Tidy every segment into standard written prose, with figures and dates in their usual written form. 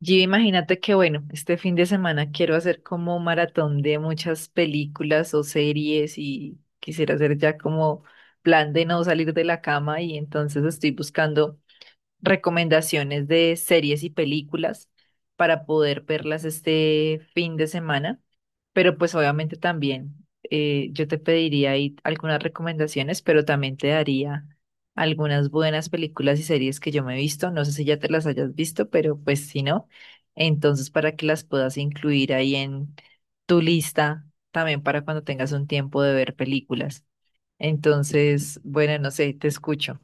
Gio, imagínate que, bueno, este fin de semana quiero hacer como un maratón de muchas películas o series y quisiera hacer ya como plan de no salir de la cama y entonces estoy buscando recomendaciones de series y películas para poder verlas este fin de semana, pero pues obviamente también yo te pediría ahí algunas recomendaciones, pero también te daría algunas buenas películas y series que yo me he visto, no sé si ya te las hayas visto, pero pues si no, entonces para que las puedas incluir ahí en tu lista, también para cuando tengas un tiempo de ver películas. Entonces, bueno, no sé, te escucho.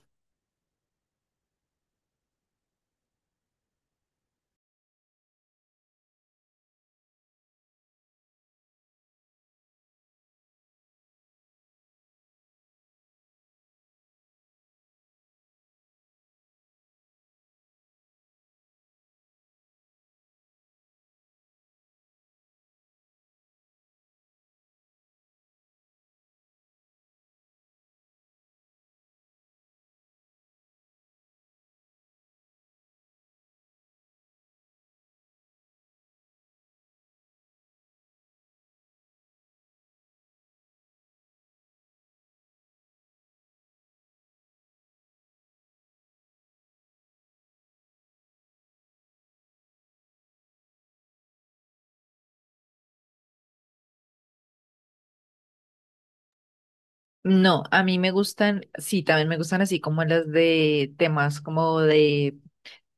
No, a mí me gustan, sí, también me gustan así como las de temas como de,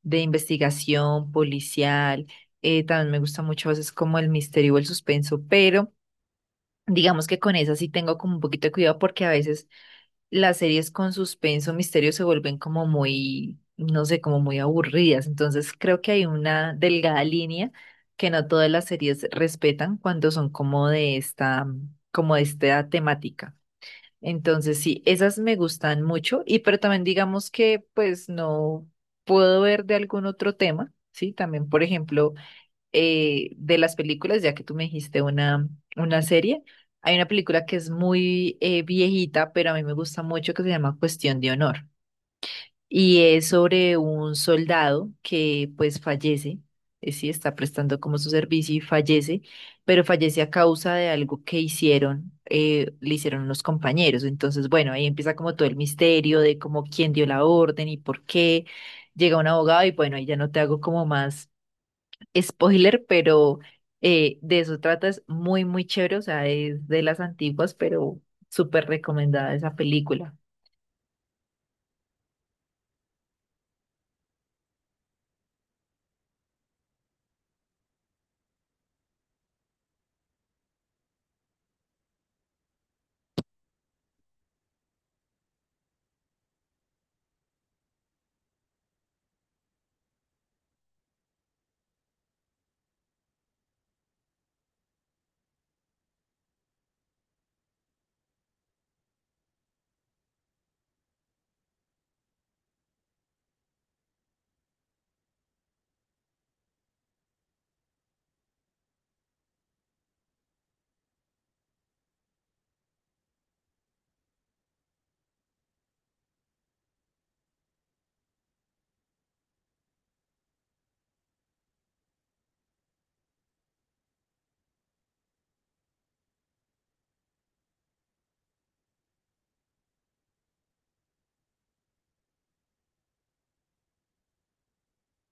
de investigación policial, también me gusta mucho a veces como el misterio o el suspenso, pero digamos que con esas sí tengo como un poquito de cuidado porque a veces las series con suspenso, misterio se vuelven como muy, no sé, como muy aburridas, entonces creo que hay una delgada línea que no todas las series respetan cuando son como de esta temática. Entonces, sí, esas me gustan mucho y pero también digamos que pues no puedo ver de algún otro tema, ¿sí? También, por ejemplo, de las películas, ya que tú me dijiste una, serie, hay una película que es muy viejita, pero a mí me gusta mucho que se llama Cuestión de Honor y es sobre un soldado que pues fallece, sí está prestando como su servicio y fallece, pero fallece a causa de algo que le hicieron los compañeros. Entonces, bueno, ahí empieza como todo el misterio de como quién dio la orden y por qué. Llega un abogado y bueno, ahí ya no te hago como más spoiler, pero de eso trata, es muy, muy chévere, o sea, es de las antiguas, pero súper recomendada esa película.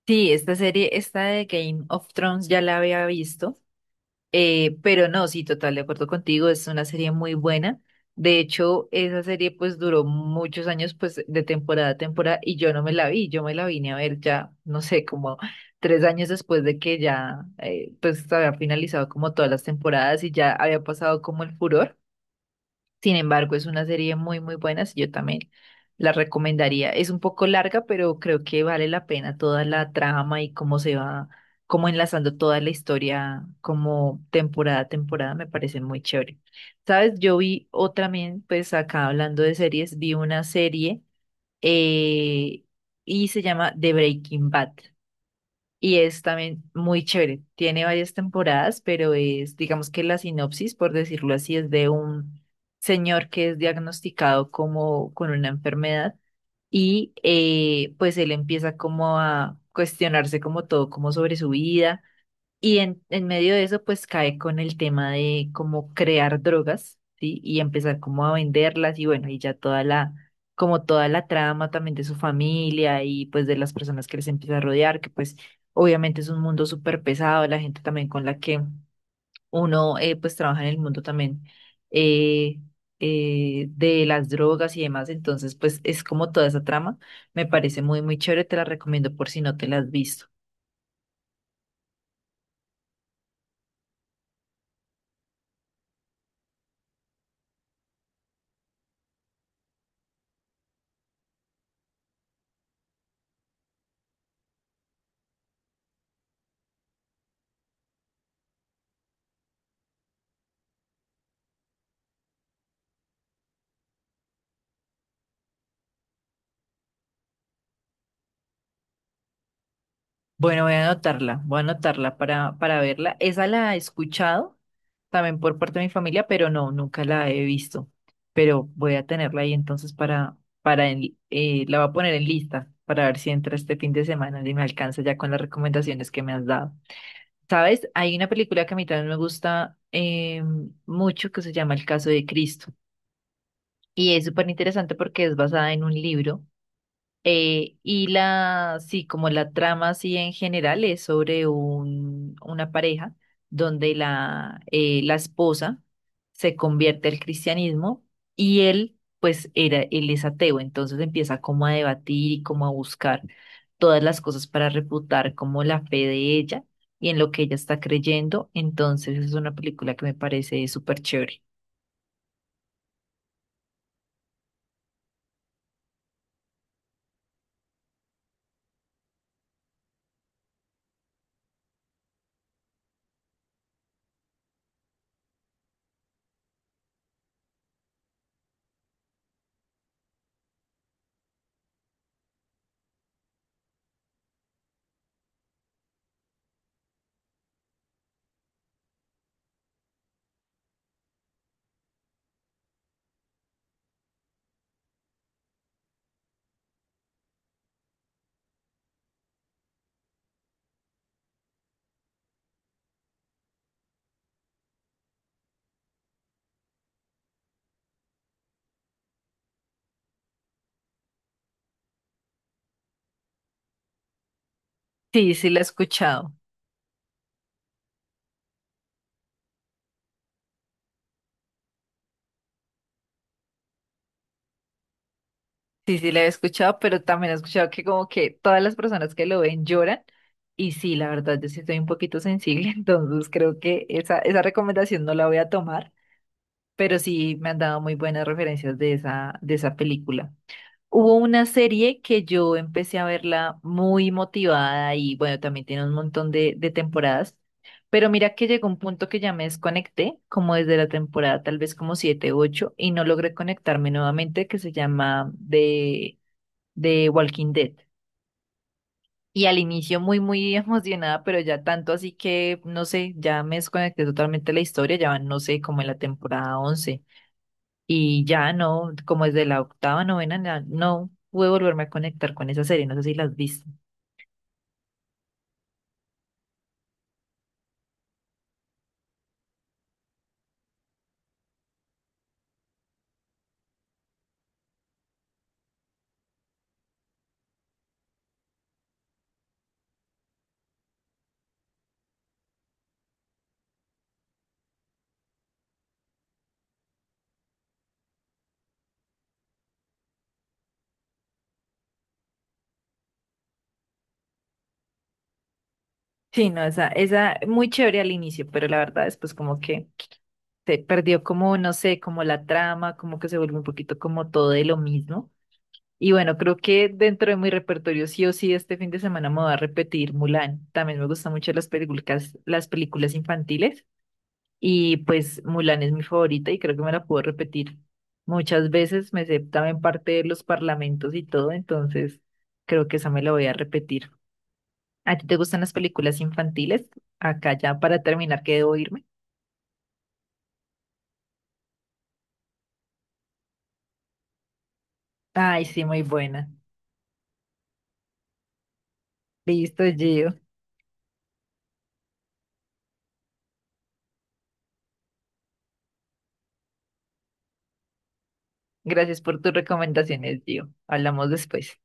Sí, esta serie, esta de Game of Thrones ya la había visto, pero no, sí, total, de acuerdo contigo, es una serie muy buena. De hecho, esa serie pues duró muchos años pues de temporada a temporada y yo no me la vi, yo me la vine a ver ya, no sé, como 3 años después de que ya pues había finalizado como todas las temporadas y ya había pasado como el furor. Sin embargo, es una serie muy, muy buena, y yo también la recomendaría. Es un poco larga, pero creo que vale la pena toda la trama y cómo se va, cómo enlazando toda la historia, como temporada a temporada, me parece muy chévere. ¿Sabes? Yo vi otra también, pues acá hablando de series, vi una serie eh, y se llama The Breaking Bad. Y es también muy chévere. Tiene varias temporadas, pero es, digamos que la sinopsis, por decirlo así, es de un señor que es diagnosticado como con una enfermedad y pues él empieza como a cuestionarse como todo, como sobre su vida y en medio de eso, pues cae con el tema de cómo crear drogas, ¿sí? Y empezar como a venderlas y bueno, y ya toda la, como toda la trama también de su familia y pues de las personas que les empieza a rodear, que pues obviamente es un mundo súper pesado, la gente también con la que uno pues trabaja en el mundo también eh, de las drogas y demás, entonces pues es como toda esa trama, me parece muy, muy chévere, te la recomiendo por si no te la has visto. Bueno, voy a anotarla para verla. Esa la he escuchado también por parte de mi familia, pero no, nunca la he visto. Pero voy a tenerla ahí entonces para la voy a poner en lista para ver si entra este fin de semana y me alcanza ya con las recomendaciones que me has dado. ¿Sabes? Hay una película que a mí también me gusta mucho que se llama El caso de Cristo. Y es súper interesante porque es basada en un libro y sí, como la trama así en general es sobre una pareja donde la esposa se convierte al cristianismo y él, pues era, él es ateo, entonces empieza como a debatir y como a buscar todas las cosas para refutar como la fe de ella y en lo que ella está creyendo, entonces es una película que me parece súper chévere. Sí, sí la he escuchado. Sí, sí, la he escuchado, pero también he escuchado que como que todas las personas que lo ven lloran. Y sí, la verdad, yo sí estoy un poquito sensible, entonces creo que esa recomendación no la voy a tomar, pero sí me han dado muy buenas referencias de esa película. Hubo una serie que yo empecé a verla muy motivada y bueno, también tiene un montón de temporadas, pero mira que llegó un punto que ya me desconecté, como desde la temporada tal vez como siete u ocho, y no logré conectarme nuevamente, que se llama de Walking Dead. Y al inicio muy, muy emocionada, pero ya tanto así que, no sé, ya me desconecté totalmente de la historia, ya van, no sé, como en la temporada 11. Y ya no, como desde la octava, novena, no pude volverme a conectar con esa serie, no sé si las viste. Sí, no, esa muy chévere al inicio, pero la verdad después como que se perdió como, no sé, como la trama, como que se vuelve un poquito como todo de lo mismo. Y bueno, creo que dentro de mi repertorio sí o sí este fin de semana me voy a repetir Mulan. También me gustan mucho las películas infantiles y pues Mulan es mi favorita y creo que me la puedo repetir muchas veces. Me sé también parte de los parlamentos y todo, entonces creo que esa me la voy a repetir. ¿A ti te gustan las películas infantiles? Acá ya para terminar, que debo irme. Ay, sí, muy buena. Listo, Gio. Gracias por tus recomendaciones, Gio. Hablamos después.